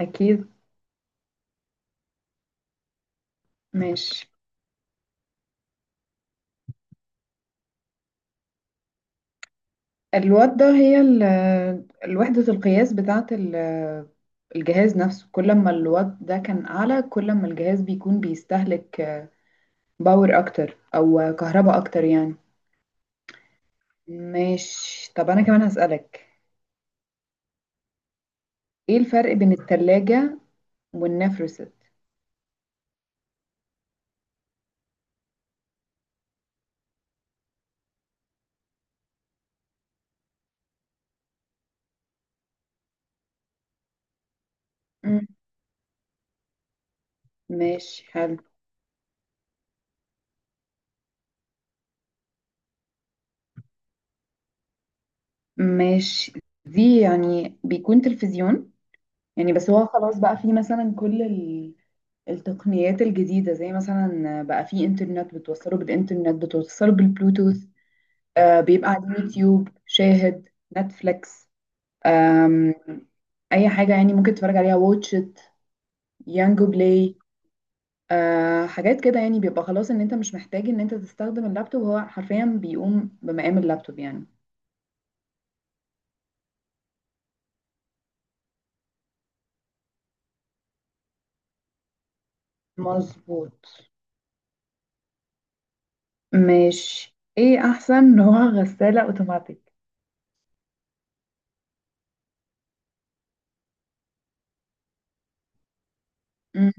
أكيد. ماشي. الوات ده هي الوحدة القياس بتاعة الجهاز نفسه، كل ما الوات ده كان أعلى كل ما الجهاز بيكون بيستهلك باور أكتر أو كهرباء أكتر يعني. ماشي، طب أنا كمان هسألك، إيه الفرق بين التلاجة والنفرست؟ مم. ماشي حلو. ماشي، دي يعني بيكون تلفزيون، يعني بس هو خلاص بقى في مثلا كل التقنيات الجديدة، زي مثلا بقى في انترنت، بتوصله بالانترنت بتوصله بالبلوتوث، آه بيبقى على اليوتيوب شاهد، نتفليكس، آم، اي حاجة يعني ممكن تتفرج عليها، واتشت، يانجو بلاي، آه حاجات كده يعني، بيبقى خلاص ان انت مش محتاج ان انت تستخدم اللابتوب، هو حرفيا بيقوم بمقام اللابتوب يعني. مظبوط. ماشي، ايه احسن نوع غسالة اوتوماتيك. امم.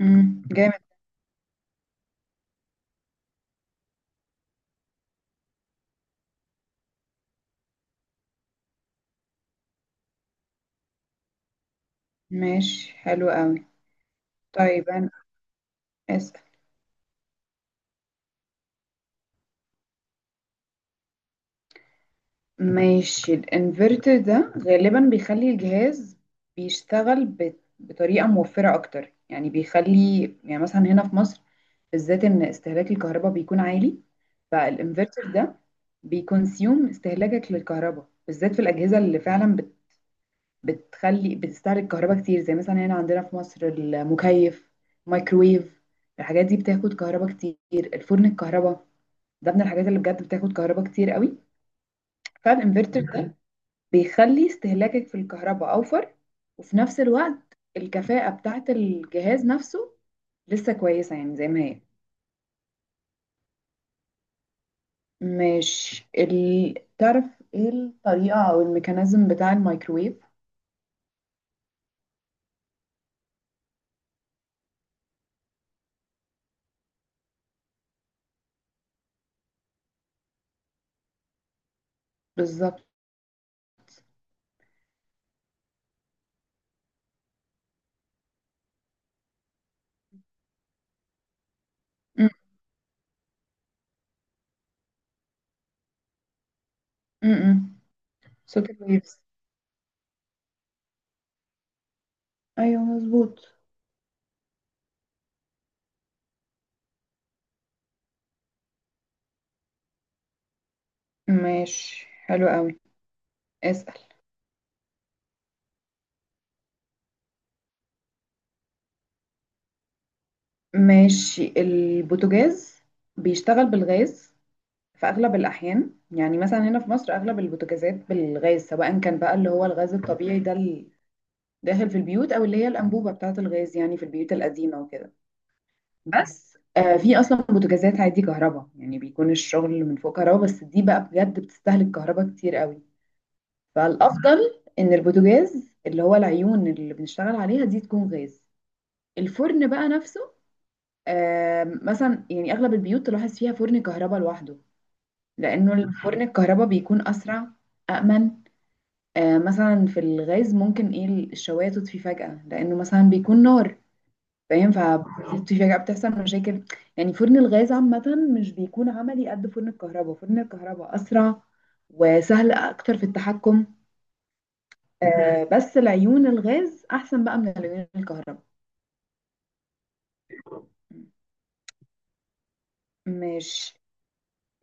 امم. ماشي حلو قوي. طيب انا اسأل. ماشي، الانفرتر ده غالبا بيخلي الجهاز بيشتغل بطريقة موفرة اكتر، يعني بيخلي، يعني مثلا هنا في مصر بالذات ان استهلاك الكهرباء بيكون عالي، فالانفرتر ده بيكونسيوم استهلاكك للكهرباء، بالذات في الأجهزة اللي فعلا بتخلي بتستهلك كهرباء كتير، زي مثلا هنا عندنا في مصر المكيف، الميكرويف، الحاجات دي بتاخد كهرباء كتير، الفرن الكهرباء ده من الحاجات اللي بجد بتاخد كهرباء كتير قوي. فالانفرتر ده بيخلي استهلاكك في الكهرباء اوفر، وفي نفس الوقت الكفاءة بتاعت الجهاز نفسه لسه كويسة، يعني زي ما هي. مش تعرف ايه الطريقة او الميكانيزم بتاع الميكروويف؟ بالظبط. م- م- م. صوت الويفز. ايوه مظبوط. ماشي حلو قوي. اسأل. ماشي، البوتاجاز بيشتغل بالغاز في اغلب الاحيان، يعني مثلا هنا في مصر اغلب البوتاجازات بالغاز، سواء كان بقى اللي هو الغاز الطبيعي ده اللي داخل في البيوت، او اللي هي الانبوبه بتاعه الغاز يعني في البيوت القديمه وكده. بس آه في اصلا بوتاجازات عادي كهرباء، يعني بيكون الشغل من فوق كهرباء بس، دي بقى بجد بتستهلك كهرباء كتير قوي. فالافضل ان البوتاجاز اللي هو العيون اللي بنشتغل عليها دي تكون غاز. الفرن بقى نفسه، آه مثلا يعني اغلب البيوت تلاحظ فيها فرن كهرباء لوحده، لأنه فرن الكهرباء بيكون أسرع، أأمن. آه مثلا في الغاز ممكن إيه الشواية تطفي فجأة، لأنه مثلا بيكون نار، فاهم؟ فبتطفي فجأة بتحصل مشاكل. يعني فرن الغاز عامة مش بيكون عملي قد فرن الكهرباء، فرن الكهرباء أسرع وسهل أكتر في التحكم. آه بس العيون الغاز أحسن بقى من العيون الكهرباء. مش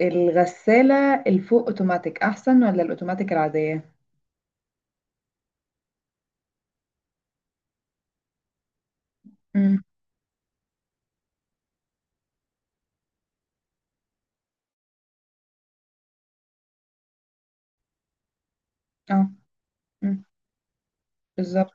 الغسالة الفوق اوتوماتيك احسن ولا الاوتوماتيك العادية؟ امم. اه. امم. بالظبط.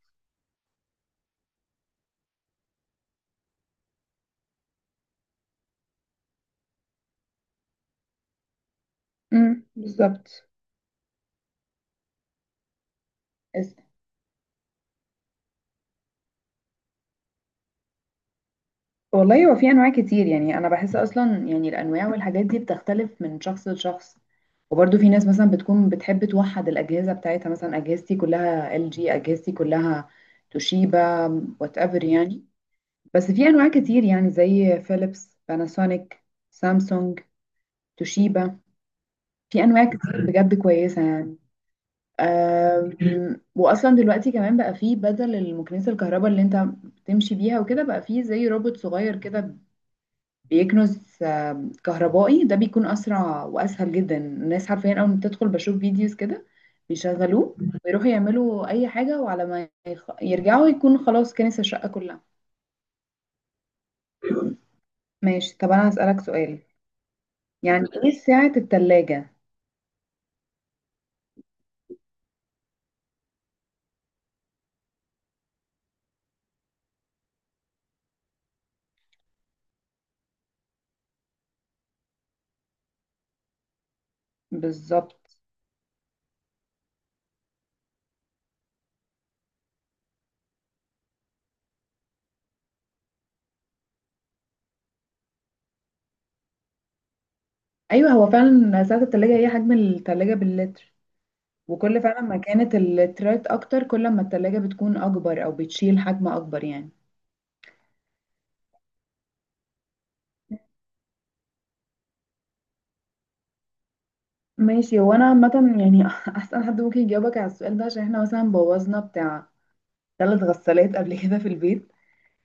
بالظبط. اس- والله هو في انواع كتير، يعني انا بحس اصلا يعني الانواع والحاجات دي بتختلف من شخص لشخص، وبرده في ناس مثلا بتكون بتحب توحد الاجهزه بتاعتها، مثلا اجهزتي كلها ال جي، اجهزتي كلها توشيبا، وات ايفر يعني. بس في انواع كتير، يعني زي فيليبس، باناسونيك، سامسونج، توشيبا، في انواع كتير بجد كويسه يعني. واصلا دلوقتي كمان بقى فيه بدل المكنسه الكهرباء اللي انت تمشي بيها وكده، بقى فيه زي روبوت صغير كده بيكنز كهربائي، ده بيكون اسرع واسهل جدا، الناس حرفيا اول ما بتدخل بشوف فيديوز كده بيشغلوه ويروحوا يعملوا اي حاجه، وعلى ما يرجعوا يكون خلاص كنس الشقه كلها. ماشي طب انا هسألك سؤال، يعني ايه سعة التلاجة؟ بالظبط. ايوه هو فعلا سعة التلاجة هي حجم التلاجة باللتر، وكل فعلا ما كانت اللترات اكتر كل ما التلاجة بتكون اكبر او بتشيل حجم اكبر يعني. ماشي، هو انا عامه يعني احسن حد ممكن يجاوبك على السؤال ده، عشان احنا مثلا بوظنا بتاع 3 غسالات قبل كده في البيت.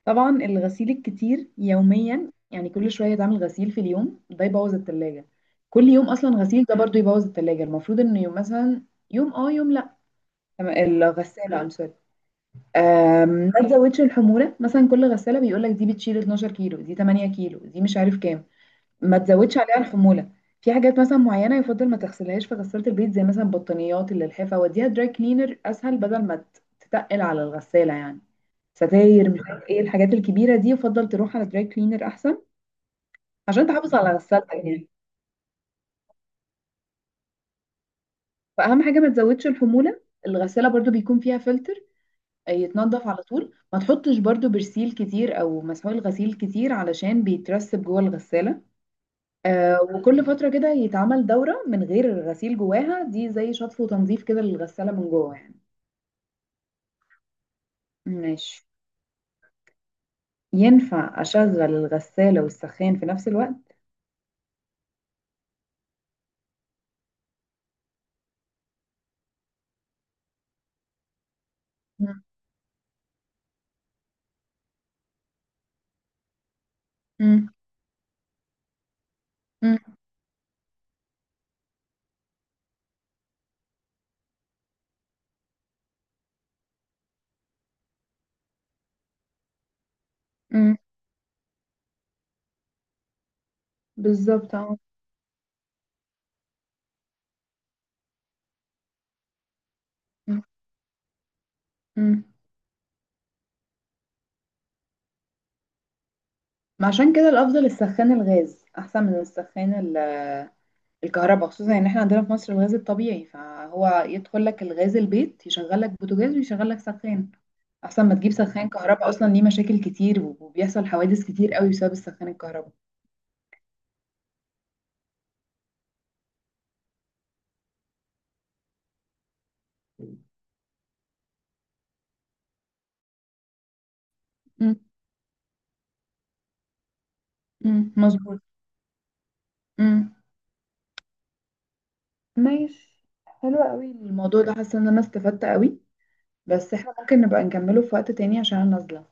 طبعا الغسيل الكتير يوميا، يعني كل شويه يتعمل غسيل في اليوم ده، يبوظ التلاجة. كل يوم اصلا غسيل ده برضو يبوظ التلاجة، المفروض ان يوم مثلا، يوم اه يوم لا، الغساله. I'm sorry. ما تزودش الحموله، مثلا كل غساله بيقول لك دي بتشيل 12 كيلو، دي 8 كيلو، دي مش عارف كام. ما تزودش عليها الحموله. في حاجات مثلا معينه يفضل ما تغسلهاش في غساله البيت، زي مثلا البطانيات اللي الحفه، وديها دراي كلينر اسهل، بدل ما تتقل على الغساله يعني. ستاير، مش عارف ايه الحاجات الكبيره دي، يفضل تروح على دراي كلينر احسن عشان تحافظ على غسالتك يعني. فاهم؟ حاجه ما تزودش الحموله، الغساله برضو بيكون فيها فلتر يتنضف على طول، ما تحطش برضو برسيل كتير او مسحول غسيل كتير، علشان بيترسب جوه الغساله. وكل فترة كده يتعمل دورة من غير غسيل جواها، دي زي شطف وتنظيف كده للغسالة من جوه يعني. ماشي، ينفع أشغل الغسالة والسخان في نفس الوقت؟ مم. مم. مم. مم. بالظبط اه. مم. مم. ما عشان كده الأفضل السخان الغاز أحسن من السخان الكهرباء، خصوصا ان احنا عندنا في مصر الغاز الطبيعي، فهو يدخل لك الغاز البيت يشغل لك بوتاجاز ويشغل لك سخان، احسن ما تجيب سخان كهرباء اصلا، ليه مشاكل كتير وبيحصل حوادث كتير قوي بسبب السخان الكهرباء. مم. مم. مظبوط. امم. ماشي حلو قوي الموضوع ده، حاسه ان انا استفدت قوي، بس احنا ممكن نبقى نكمله في وقت تاني عشان أنا نازله.